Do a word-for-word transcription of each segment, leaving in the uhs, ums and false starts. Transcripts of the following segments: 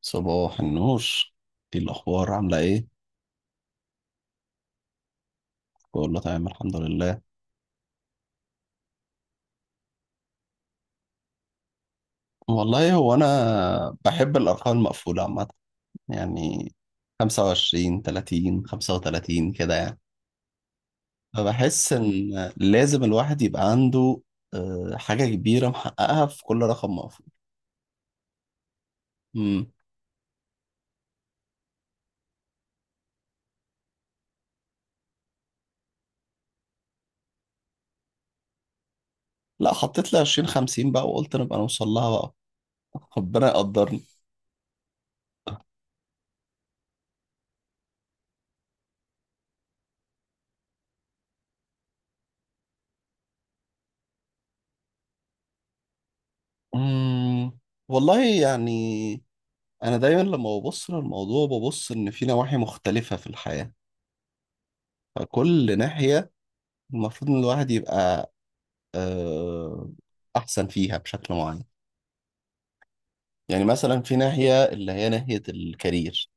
صباح النور. ايه الاخبار، عامله ايه؟ بقول له تمام، الحمد لله. والله هو انا بحب الارقام المقفوله عامه، يعني خمسة وعشرين ثلاثين خمسة وثلاثين كده، يعني. فبحس ان لازم الواحد يبقى عنده آه، حاجه كبيره محققها في كل رقم مقفول. امم. لا، حطيت لي عشرين خمسين بقى، وقلت نبقى نوصل لها بقى، ربنا يقدرني. امم. والله يعني، انا دايما لما ببص للموضوع ببص ان في نواحي مختلفه في الحياه. فكل ناحية المفروض إن الواحد يبقى آه، أحسن فيها بشكل معين. يعني مثلا في ناحية اللي هي ناحية الكارير،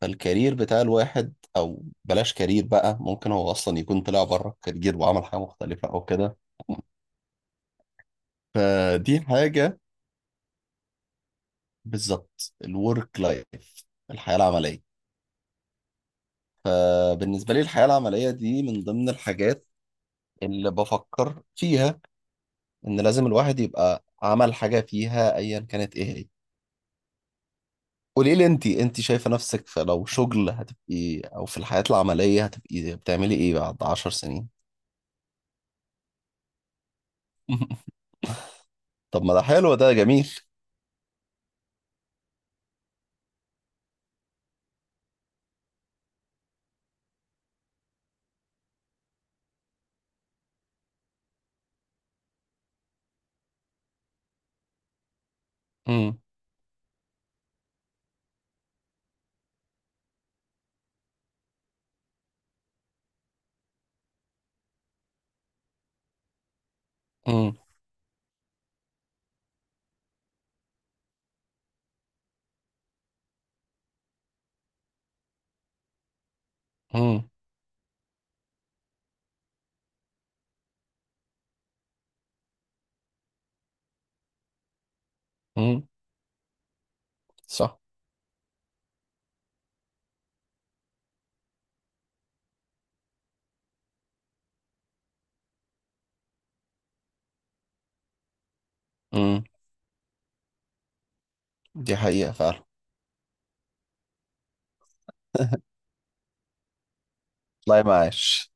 فالكارير بتاع الواحد أو بلاش كارير بقى، ممكن هو أصلا يكون طلع بره الكارير وعمل حاجة مختلفة أو كده. فدي حاجة. بالظبط، الورك لايف، الحياة العملية. فبالنسبة لي الحياة العملية دي من ضمن الحاجات اللي بفكر فيها، إن لازم الواحد يبقى عمل حاجة فيها أيا كانت إيه هي. قولي لي، انت انت شايفة نفسك في، لو شغل هتبقي او في الحياة العملية هتبقي بتعملي ايه بعد عشر سنين؟ طب ما ده حلو، ده جميل. امم. امم. امم. امم. صح. امم. دي حقيقة فعلا. لا، معاش.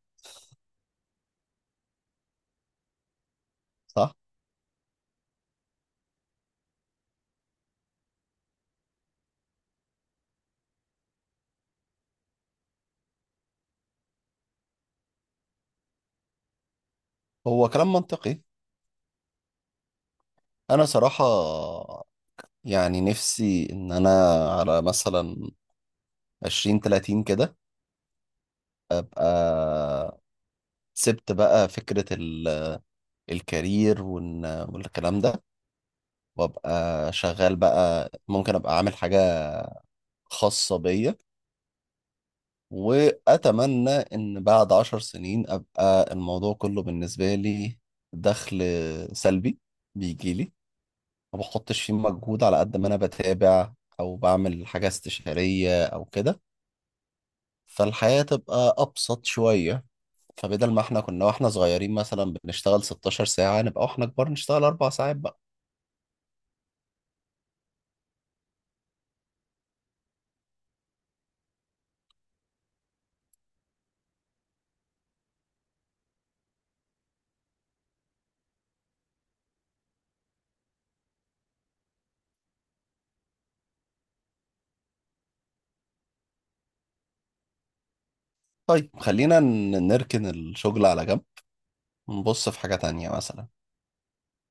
صح. هو كلام منطقي. انا صراحة يعني نفسي ان انا، على مثلا عشرين تلاتين كده، ابقى سبت بقى فكرة ال- الكارير وإن- والكلام ده، وابقى شغال بقى. ممكن ابقى عامل حاجة خاصة بيا، واتمنى ان بعد عشر سنين ابقى الموضوع كله بالنسبة لي دخل سلبي، بيجي لي ما بحطش فيه مجهود، على قد ما انا بتابع او بعمل حاجة استشارية او كده. فالحياة تبقى ابسط شوية. فبدل ما احنا كنا واحنا صغيرين مثلا بنشتغل 16 ساعة، نبقى واحنا كبار نشتغل اربع ساعات بقى. طيب خلينا ن- نركن الشغل على جنب، نبص في حاجة تانية مثلا،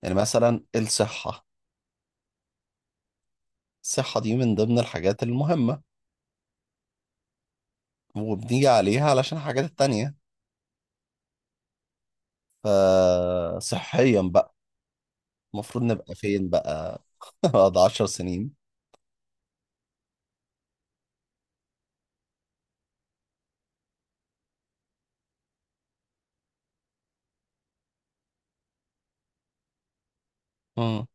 يعني مثلا الصحة. الصحة دي من ضمن الحاجات المهمة، وبنيجي عليها علشان الحاجات التانية. فصحيا بقى، المفروض نبقى فين بقى؟ بعد عشر سنين. مم.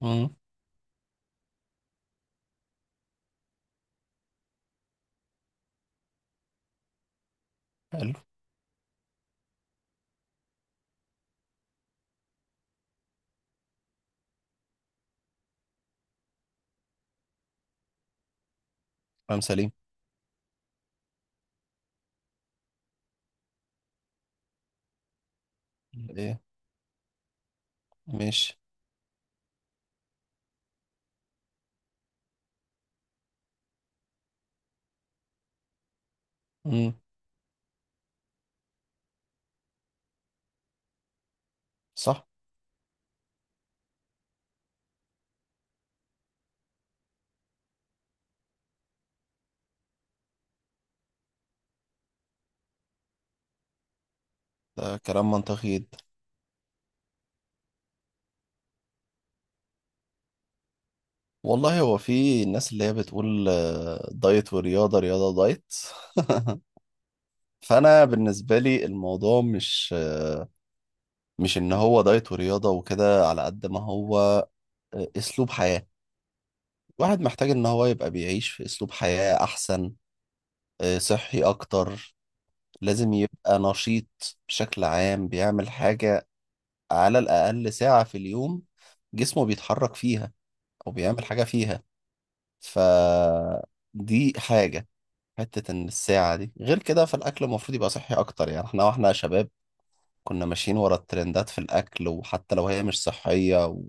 مم. حلو. كلام سليم. ايه. ماشي. مم. صح. ده كلام منطقي جدا. والله هو في الناس اللي هي بتقول آه، دايت ورياضة، رياضة ودايت. فأنا بالنسبة لي الموضوع مش آه، مش إن هو دايت ورياضة وكده، على قد ما هو آه، أسلوب حياة. الواحد محتاج ان هو يبقى بيعيش في اسلوب حياة احسن، آه، صحي اكتر. لازم يبقى نشيط بشكل عام، بيعمل حاجة على الاقل ساعة في اليوم جسمه بيتحرك فيها او بيعمل حاجة فيها. فدي حاجة. حتة ان الساعة دي غير كده، فالاكل المفروض يبقى صحي اكتر. يعني احنا واحنا شباب كنا ماشيين ورا الترندات في الاكل، وحتى لو هي مش صحية، و...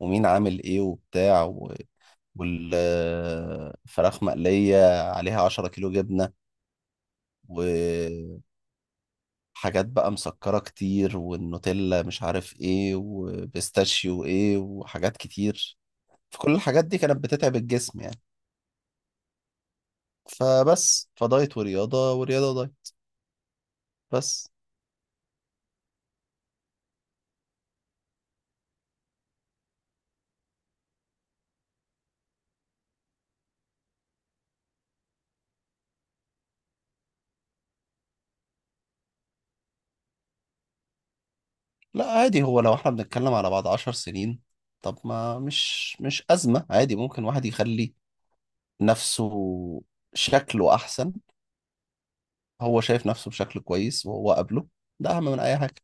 ومين عامل ايه وبتاع، والفراخ مقلية عليها عشرة كيلو جبنة وحاجات بقى مسكرة كتير، والنوتيلا مش عارف ايه، وبيستاشيو ايه، وحاجات كتير. فكل الحاجات دي كانت بتتعب الجسم يعني. فبس، فدايت ورياضة، ورياضة ودايت، بس. لا عادي، هو لو احنا بنتكلم على بعد عشر سنين، طب ما مش مش أزمة، عادي ممكن واحد يخلي نفسه شكله أحسن. هو شايف نفسه بشكل كويس وهو قابله، ده أهم من أي حاجة.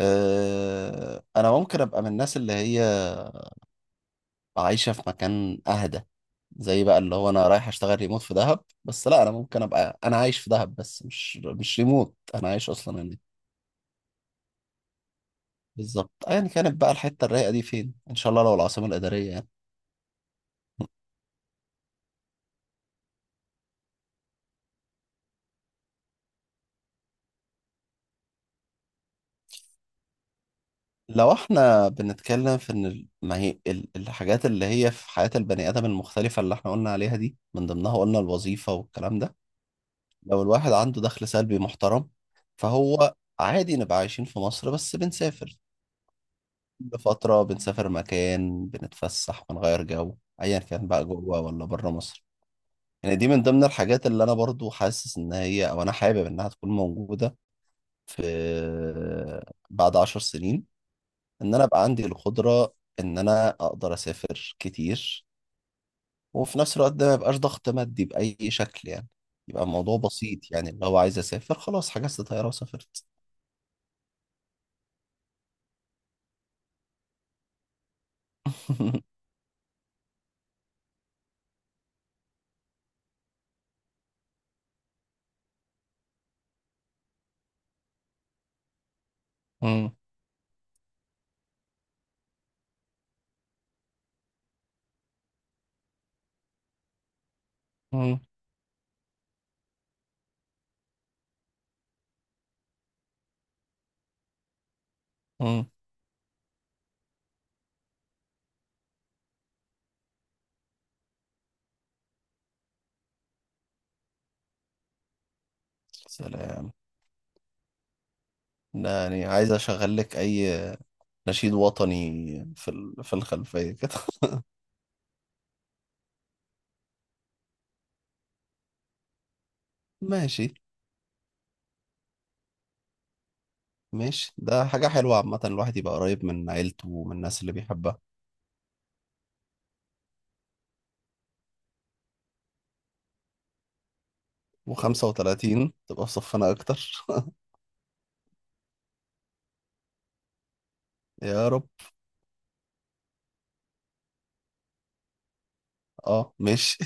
آه، انا ممكن ابقى من الناس اللي هي عايشه في مكان اهدى، زي بقى اللي هو انا رايح اشتغل ريموت في دهب. بس لا، انا ممكن ابقى انا عايش في دهب، بس مش مش ريموت، انا عايش اصلا هناك. بالظبط، ايا كانت بقى الحته الرايقه دي فين، ان شاء الله لو العاصمه الاداريه يعني. لو احنا بنتكلم في ان ال- ما هي ال- الحاجات اللي هي في حياه البني ادم المختلفه اللي احنا قلنا عليها دي، من ضمنها قلنا الوظيفه والكلام ده. لو الواحد عنده دخل سلبي محترم، فهو عادي نبقى عايشين في مصر بس بنسافر، كل فترة بنسافر مكان، بنتفسح، بنغير جو، أيا كان بقى جوه ولا بره مصر. يعني دي من ضمن الحاجات اللي أنا برضو حاسس إن هي، أو أنا حابب إنها تكون موجودة في بعد عشر سنين. إن أنا أبقى عندي القدرة إن أنا أقدر أسافر كتير، وفي نفس الوقت ده ما يبقاش ضغط مادي بأي شكل. يعني يبقى الموضوع بسيط، يعني لو عايز أسافر خلاص حجزت طيارة وسافرت. مم. مم. مم. سلام. لا يعني عايز اشغل لك اي نشيد وطني في ال- في الخلفيه كده. ماشي. ماشي، ده حاجه حلوه عامه، الواحد يبقى قريب من عيلته ومن الناس اللي بيحبها. و35 تبقى في صفنا اكتر. يا رب. اه ماشي.